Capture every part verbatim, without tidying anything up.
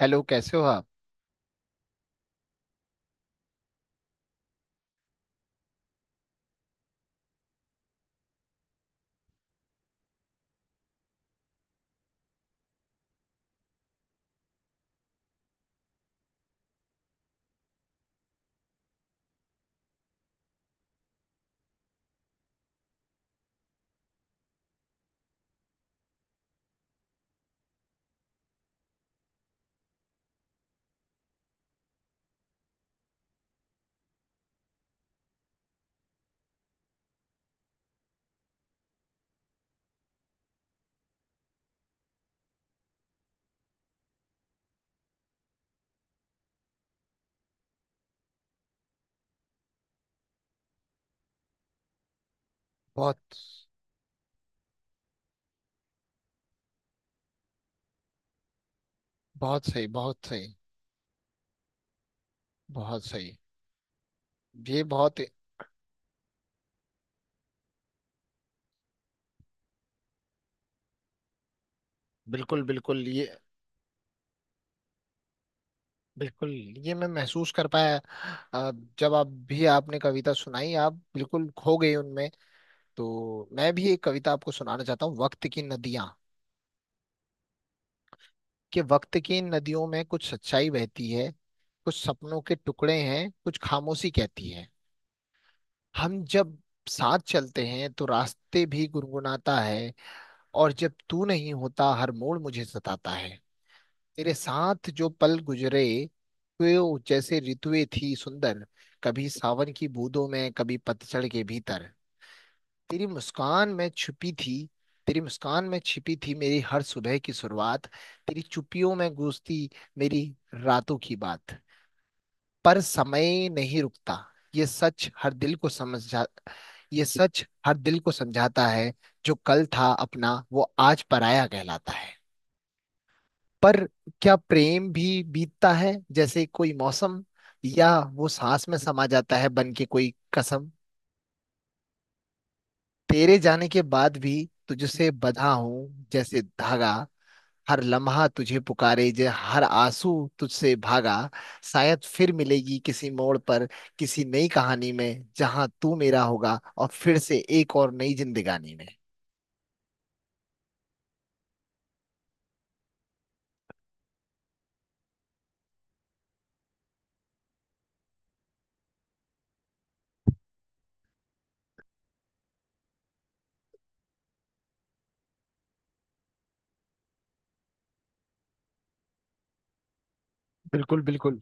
Hello, कैसे हो आप। बहुत। बहुत सही, बहुत सही। बहुत सही। ये बहुत। बिल्कुल बिल्कुल। ये बिल्कुल। ये मैं महसूस कर पाया। अ, जब आप भी आपने कविता सुनाई आप बिल्कुल खो गए उनमें। तो मैं भी एक कविता आपको सुनाना चाहता हूँ, वक्त की नदियाँ। कि वक्त की इन नदियों में कुछ सच्चाई बहती है, कुछ सपनों के टुकड़े हैं, कुछ खामोशी कहती है। हम जब साथ चलते हैं तो रास्ते भी गुनगुनाता है, और जब तू नहीं होता हर मोड़ मुझे सताता है। तेरे साथ जो पल गुजरे वो जैसे ऋतुएं थी सुंदर। कभी सावन की बूंदों में, कभी पतझड़ के भीतर। तेरी मुस्कान में छुपी थी, तेरी मुस्कान में छिपी थी मेरी हर सुबह की शुरुआत। तेरी चुपियों में गूंजती मेरी रातों की बात। पर समय नहीं रुकता, ये सच हर दिल को समझा, ये सच हर दिल को समझाता है। जो कल था अपना वो आज पराया कहलाता है। पर क्या प्रेम भी बीतता है जैसे कोई मौसम, या वो सांस में समा जाता है बन के कोई कसम। तेरे जाने के बाद भी तुझसे बंधा हूं जैसे धागा। हर लम्हा तुझे पुकारे जे, हर आंसू तुझसे भागा। शायद फिर मिलेगी किसी मोड़ पर, किसी नई कहानी में, जहां तू मेरा होगा और फिर से एक और नई जिंदगानी में। बिल्कुल बिल्कुल।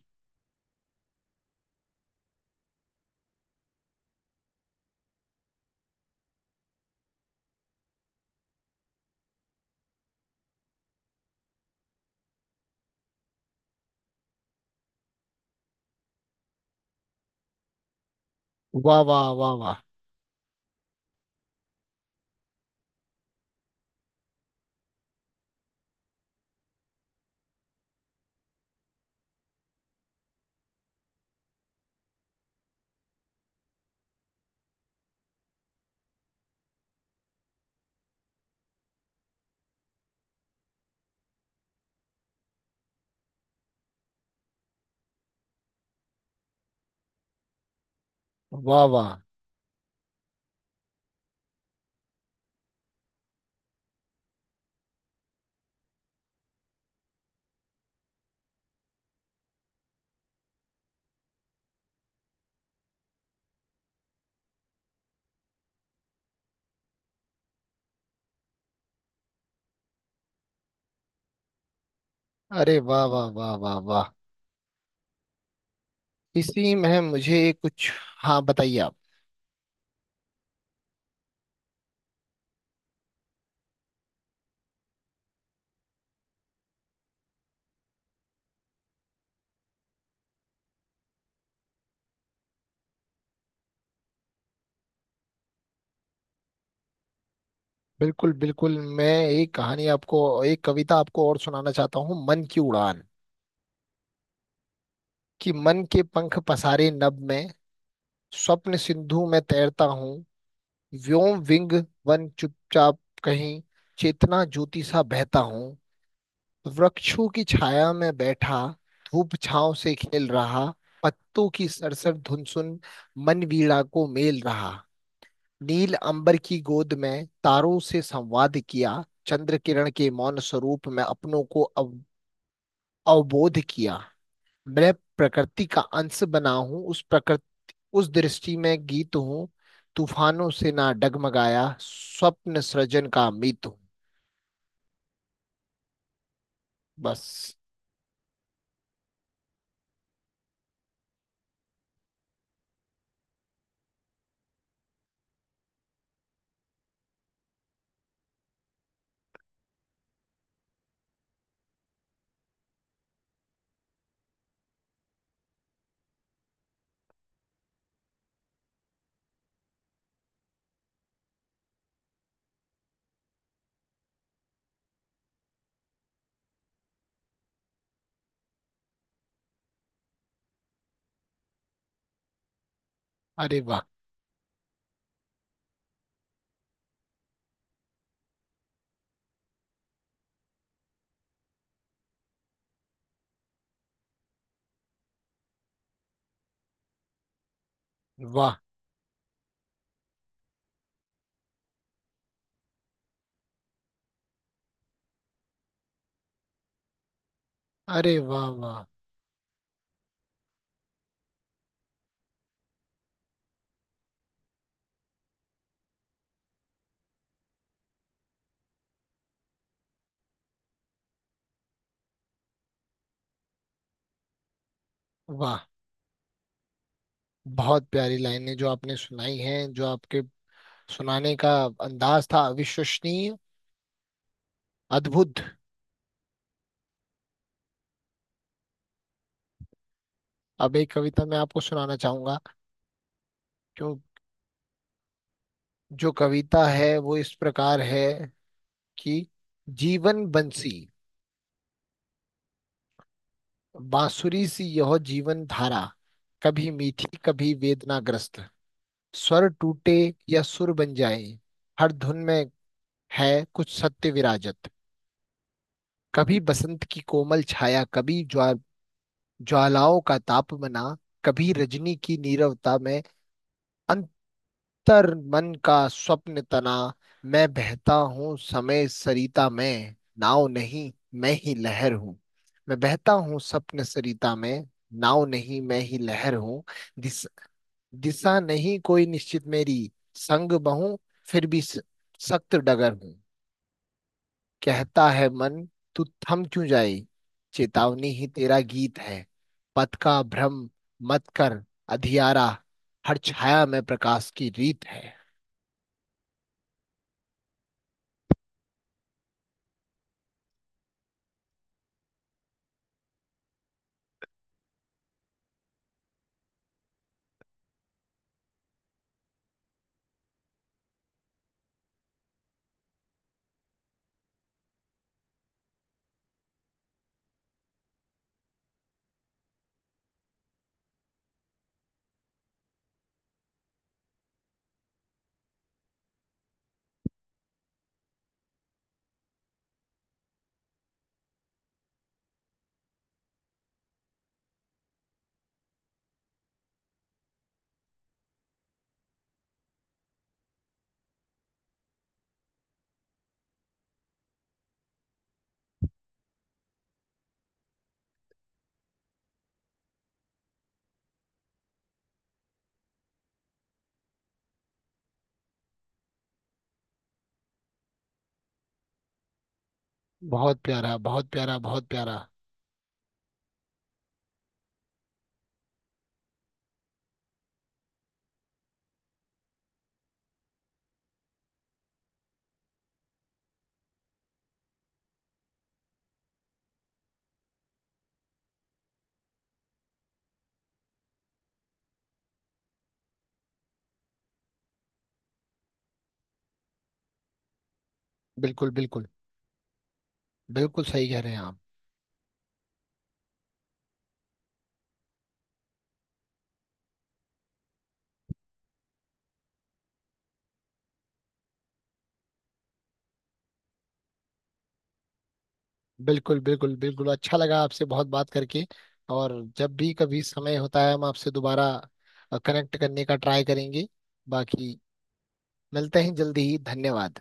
वाह वाह वाह वाह वाह। वाह। अरे वाह वाह वाह वाह वाह। इसी में मुझे एक कुछ। हाँ, बताइए आप। बिल्कुल बिल्कुल, मैं एक कहानी आपको, एक कविता आपको और सुनाना चाहता हूँ, मन की उड़ान। कि मन के पंख पसारे नभ में, स्वप्न सिंधु में तैरता हूँ। व्योम विंग वन चुपचाप कहीं चेतना ज्योति सा बहता हूँ। वृक्षों की छाया में बैठा, धूप छांव से खेल रहा, पत्तों की सरसर धुन सुन मन वीणा को मेल रहा। नील अंबर की गोद में तारों से संवाद किया। चंद्र किरण के मौन स्वरूप में अपनों को अव, अवबोध किया। मैं प्रकृति का अंश बना हूँ, उस प्रकृति, उस दृष्टि में गीत हूँ। तूफानों से ना डगमगाया स्वप्न सृजन का मीत हूँ। बस। अरे वाह वाह। अरे वाह वाह वाह। बहुत प्यारी लाइनें जो आपने सुनाई हैं, जो आपके सुनाने का अंदाज था, अविश्वसनीय, अद्भुत। अब एक कविता मैं आपको सुनाना चाहूंगा। जो जो कविता है वो इस प्रकार है कि जीवन बंसी, बांसुरी सी यह जीवन धारा। कभी मीठी, कभी वेदनाग्रस्त। स्वर टूटे या सुर बन जाए, हर धुन में है कुछ सत्य विराजत। कभी बसंत की कोमल छाया, कभी ज्वा ज्वालाओं का ताप मना। कभी रजनी की नीरवता में अंत तर मन का स्वप्न तना। मैं बहता हूँ समय सरिता में, नाव नहीं, मैं ही लहर हूँ। मैं बहता हूँ स्वप्न सरिता में, नाव नहीं, मैं ही लहर हूँ। दिस, दिशा नहीं कोई निश्चित मेरी, संग बहूं, फिर भी स- सख्त डगर हूँ। कहता है मन, तू थम क्यों जाए। चेतावनी ही तेरा गीत है। पथ का भ्रम मत कर, अधियारा हर छाया में प्रकाश की रीत है। बहुत प्यारा, बहुत प्यारा, बहुत प्यारा। बिल्कुल बिल्कुल। बिल्कुल सही कह रहे हैं आप। बिल्कुल बिल्कुल बिल्कुल, अच्छा लगा आपसे बहुत बात करके। और जब भी कभी समय होता है हम आपसे दोबारा कनेक्ट करने का ट्राई करेंगे। बाकी मिलते हैं जल्दी ही, धन्यवाद।